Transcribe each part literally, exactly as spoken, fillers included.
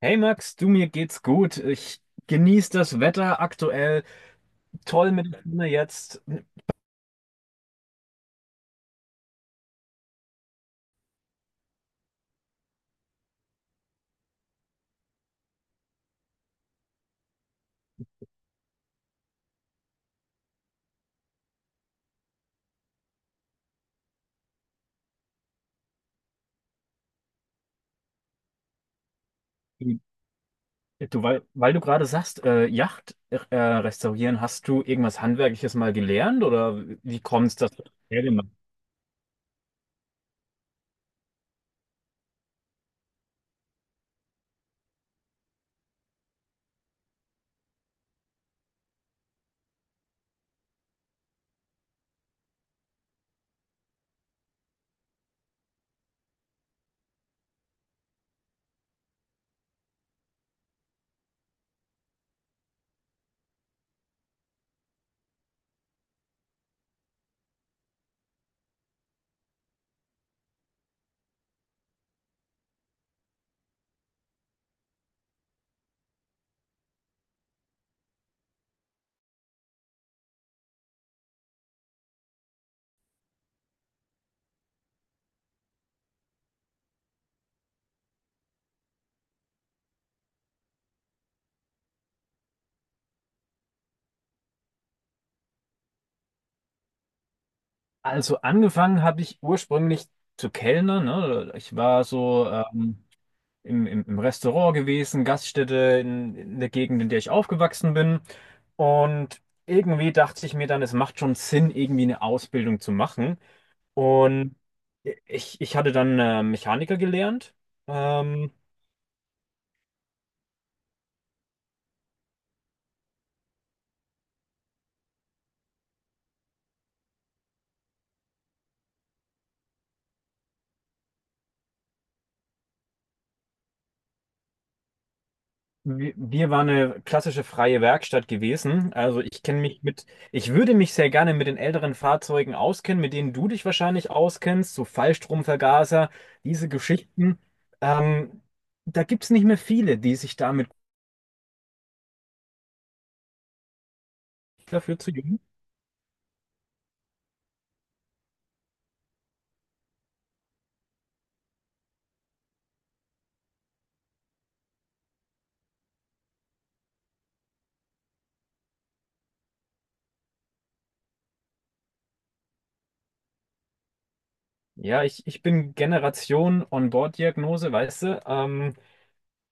Hey Max, du, mir geht's gut. Ich genieße das Wetter aktuell. Toll mit der Sonne jetzt. Du, weil, weil du gerade sagst, äh, Yacht äh, restaurieren, hast du irgendwas Handwerkliches mal gelernt oder wie kommst du das her gemacht? Also angefangen habe ich ursprünglich zu kellnern, ne? Ich war so ähm, im, im, im Restaurant gewesen, Gaststätte in, in der Gegend, in der ich aufgewachsen bin. Und irgendwie dachte ich mir dann, es macht schon Sinn, irgendwie eine Ausbildung zu machen. Und ich, ich hatte dann äh, Mechaniker gelernt. Ähm, wir, wir waren eine klassische freie Werkstatt gewesen. Also ich kenne mich mit, ich würde mich sehr gerne mit den älteren Fahrzeugen auskennen, mit denen du dich wahrscheinlich auskennst, so Fallstromvergaser, diese Geschichten. Ähm, da gibt es nicht mehr viele, die sich damit dafür zu jung. Ja, ich, ich bin Generation On-Board-Diagnose, weißt du? Ähm,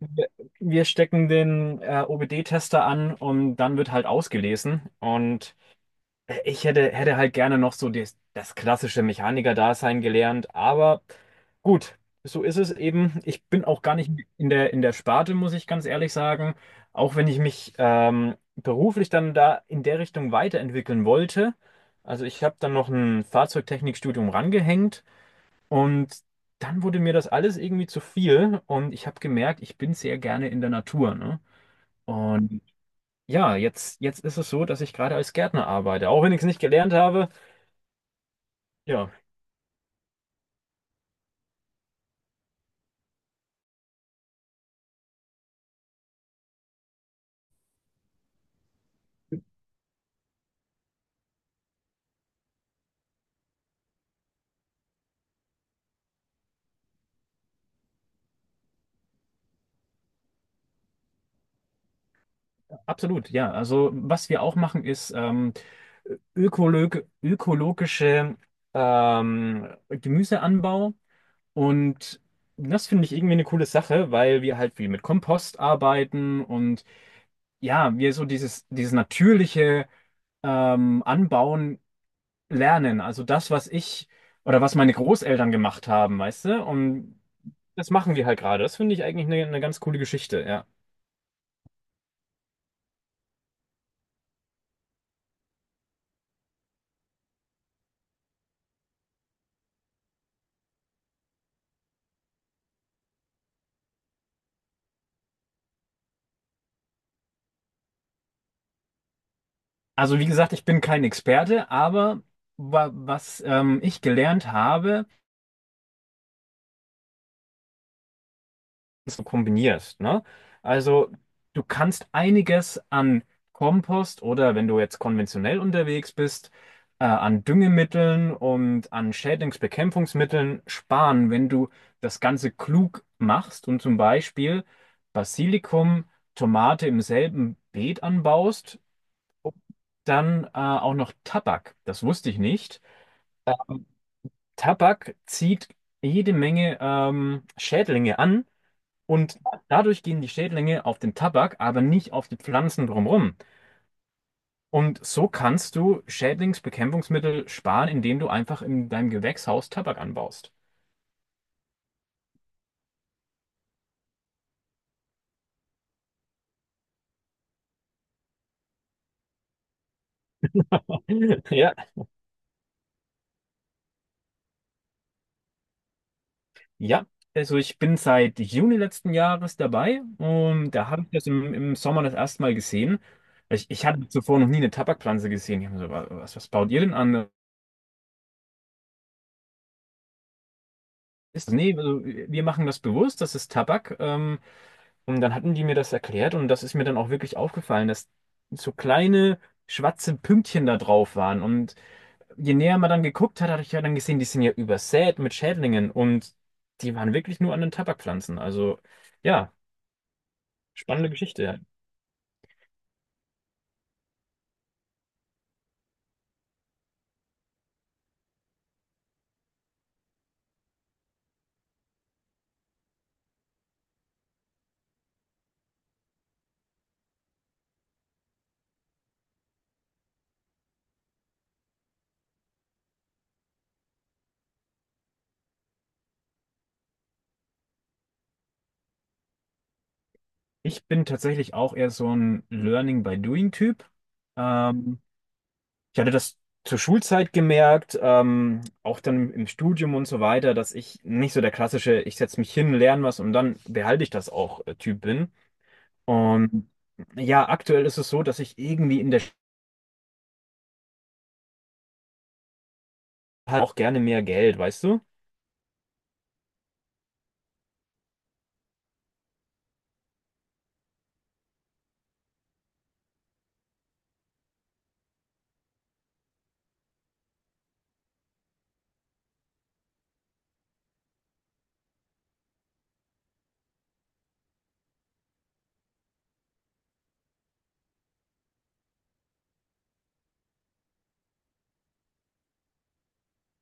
Wir wir stecken den äh, O B D-Tester an und dann wird halt ausgelesen. Und äh, ich hätte, hätte halt gerne noch so das, das klassische Mechaniker-Dasein gelernt. Aber gut, so ist es eben. Ich bin auch gar nicht in der, in der Sparte, muss ich ganz ehrlich sagen. Auch wenn ich mich ähm, beruflich dann da in der Richtung weiterentwickeln wollte. Also ich habe dann noch ein Fahrzeugtechnikstudium rangehängt. Und dann wurde mir das alles irgendwie zu viel und ich habe gemerkt, ich bin sehr gerne in der Natur, ne? Und ja, jetzt, jetzt ist es so, dass ich gerade als Gärtner arbeite, auch wenn ich es nicht gelernt habe. Ja, absolut, ja. Also was wir auch machen, ist ähm, ökolog ökologische ähm, Gemüseanbau und das finde ich irgendwie eine coole Sache, weil wir halt viel mit Kompost arbeiten und ja, wir so dieses, dieses natürliche ähm, Anbauen lernen. Also das, was ich oder was meine Großeltern gemacht haben, weißt du? Und das machen wir halt gerade. Das finde ich eigentlich eine, eine ganz coole Geschichte, ja. Also wie gesagt, ich bin kein Experte, aber wa was ähm, ich gelernt habe, so kombinierst, ne? Also du kannst einiges an Kompost oder wenn du jetzt konventionell unterwegs bist, äh, an Düngemitteln und an Schädlingsbekämpfungsmitteln sparen, wenn du das Ganze klug machst und zum Beispiel Basilikum, Tomate im selben Beet anbaust, dann äh, auch noch Tabak. Das wusste ich nicht. Tabak zieht jede Menge ähm, Schädlinge an und dadurch gehen die Schädlinge auf den Tabak, aber nicht auf die Pflanzen drumherum. Und so kannst du Schädlingsbekämpfungsmittel sparen, indem du einfach in deinem Gewächshaus Tabak anbaust. Ja, ja. Also ich bin seit Juni letzten Jahres dabei und da habe ich das im, im Sommer das erste Mal gesehen. Ich, ich hatte zuvor noch nie eine Tabakpflanze gesehen. Ich habe mir so, was, was baut ihr denn an? Ist, das- nee, also wir machen das bewusst, das ist Tabak. Ähm, Und dann hatten die mir das erklärt und das ist mir dann auch wirklich aufgefallen, dass so kleine schwarze Pünktchen da drauf waren. Und je näher man dann geguckt hat, hatte ich ja dann gesehen, die sind ja übersät mit Schädlingen und die waren wirklich nur an den Tabakpflanzen. Also ja, spannende Geschichte. Ich bin tatsächlich auch eher so ein Learning by Doing Typ. Ähm, ich hatte das zur Schulzeit gemerkt, ähm, auch dann im Studium und so weiter, dass ich nicht so der klassische, ich setze mich hin, lerne was und dann behalte ich das auch äh, Typ bin. Und ja, aktuell ist es so, dass ich irgendwie in der Sch- halt auch gerne mehr Geld, weißt du?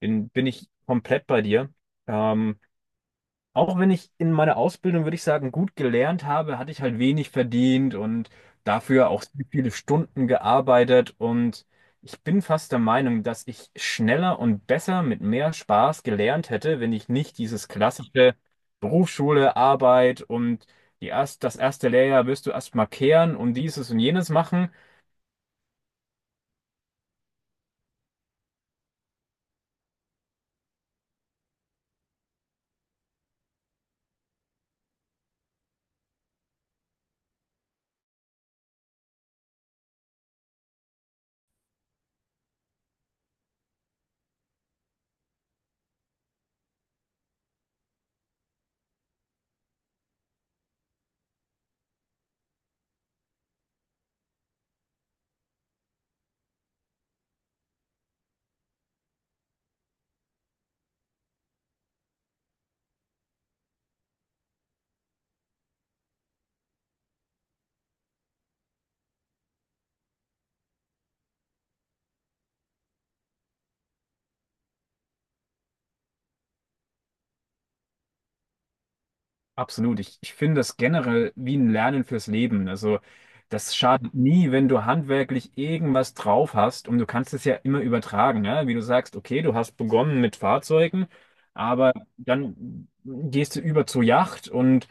Bin, bin ich komplett bei dir. Ähm, auch wenn ich in meiner Ausbildung, würde ich sagen, gut gelernt habe, hatte ich halt wenig verdient und dafür auch sehr viele Stunden gearbeitet. Und ich bin fast der Meinung, dass ich schneller und besser mit mehr Spaß gelernt hätte, wenn ich nicht dieses klassische Berufsschule, Arbeit und die erst, das erste Lehrjahr wirst du erstmal kehren und dieses und jenes machen Absolut. Ich, ich finde das generell wie ein Lernen fürs Leben. Also das schadet nie, wenn du handwerklich irgendwas drauf hast und du kannst es ja immer übertragen, ja? Wie du sagst, okay, du hast begonnen mit Fahrzeugen, aber dann gehst du über zur Yacht und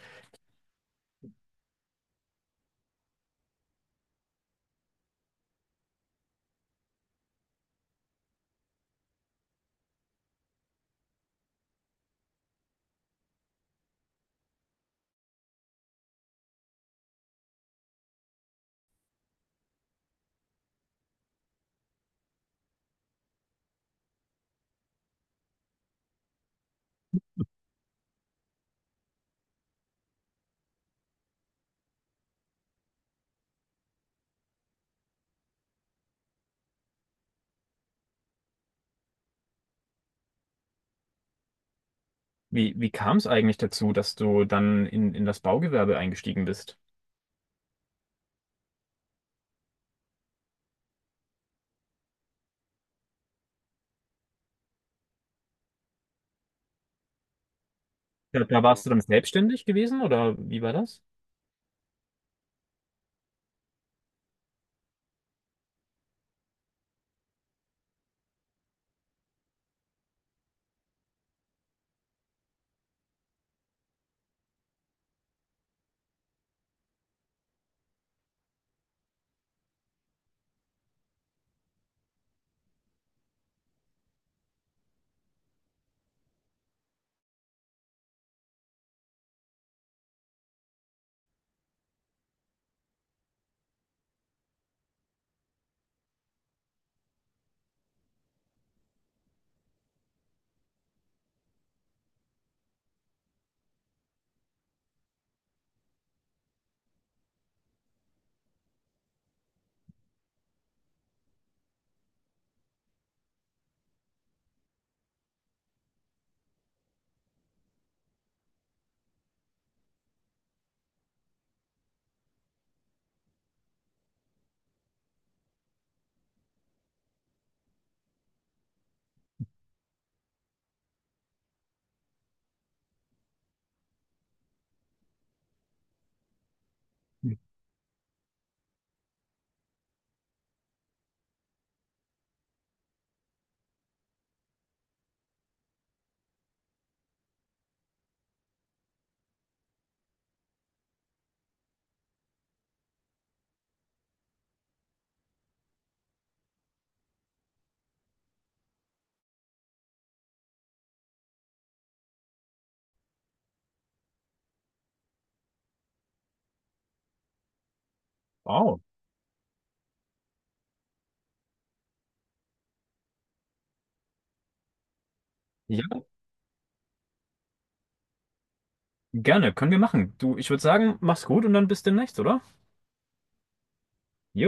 wie, wie kam es eigentlich dazu, dass du dann in, in das Baugewerbe eingestiegen bist? Da, da warst du dann selbstständig gewesen oder wie war das? Wow. Ja, gerne, können wir machen. Du, ich würde sagen, mach's gut und dann bis demnächst, oder? Jo.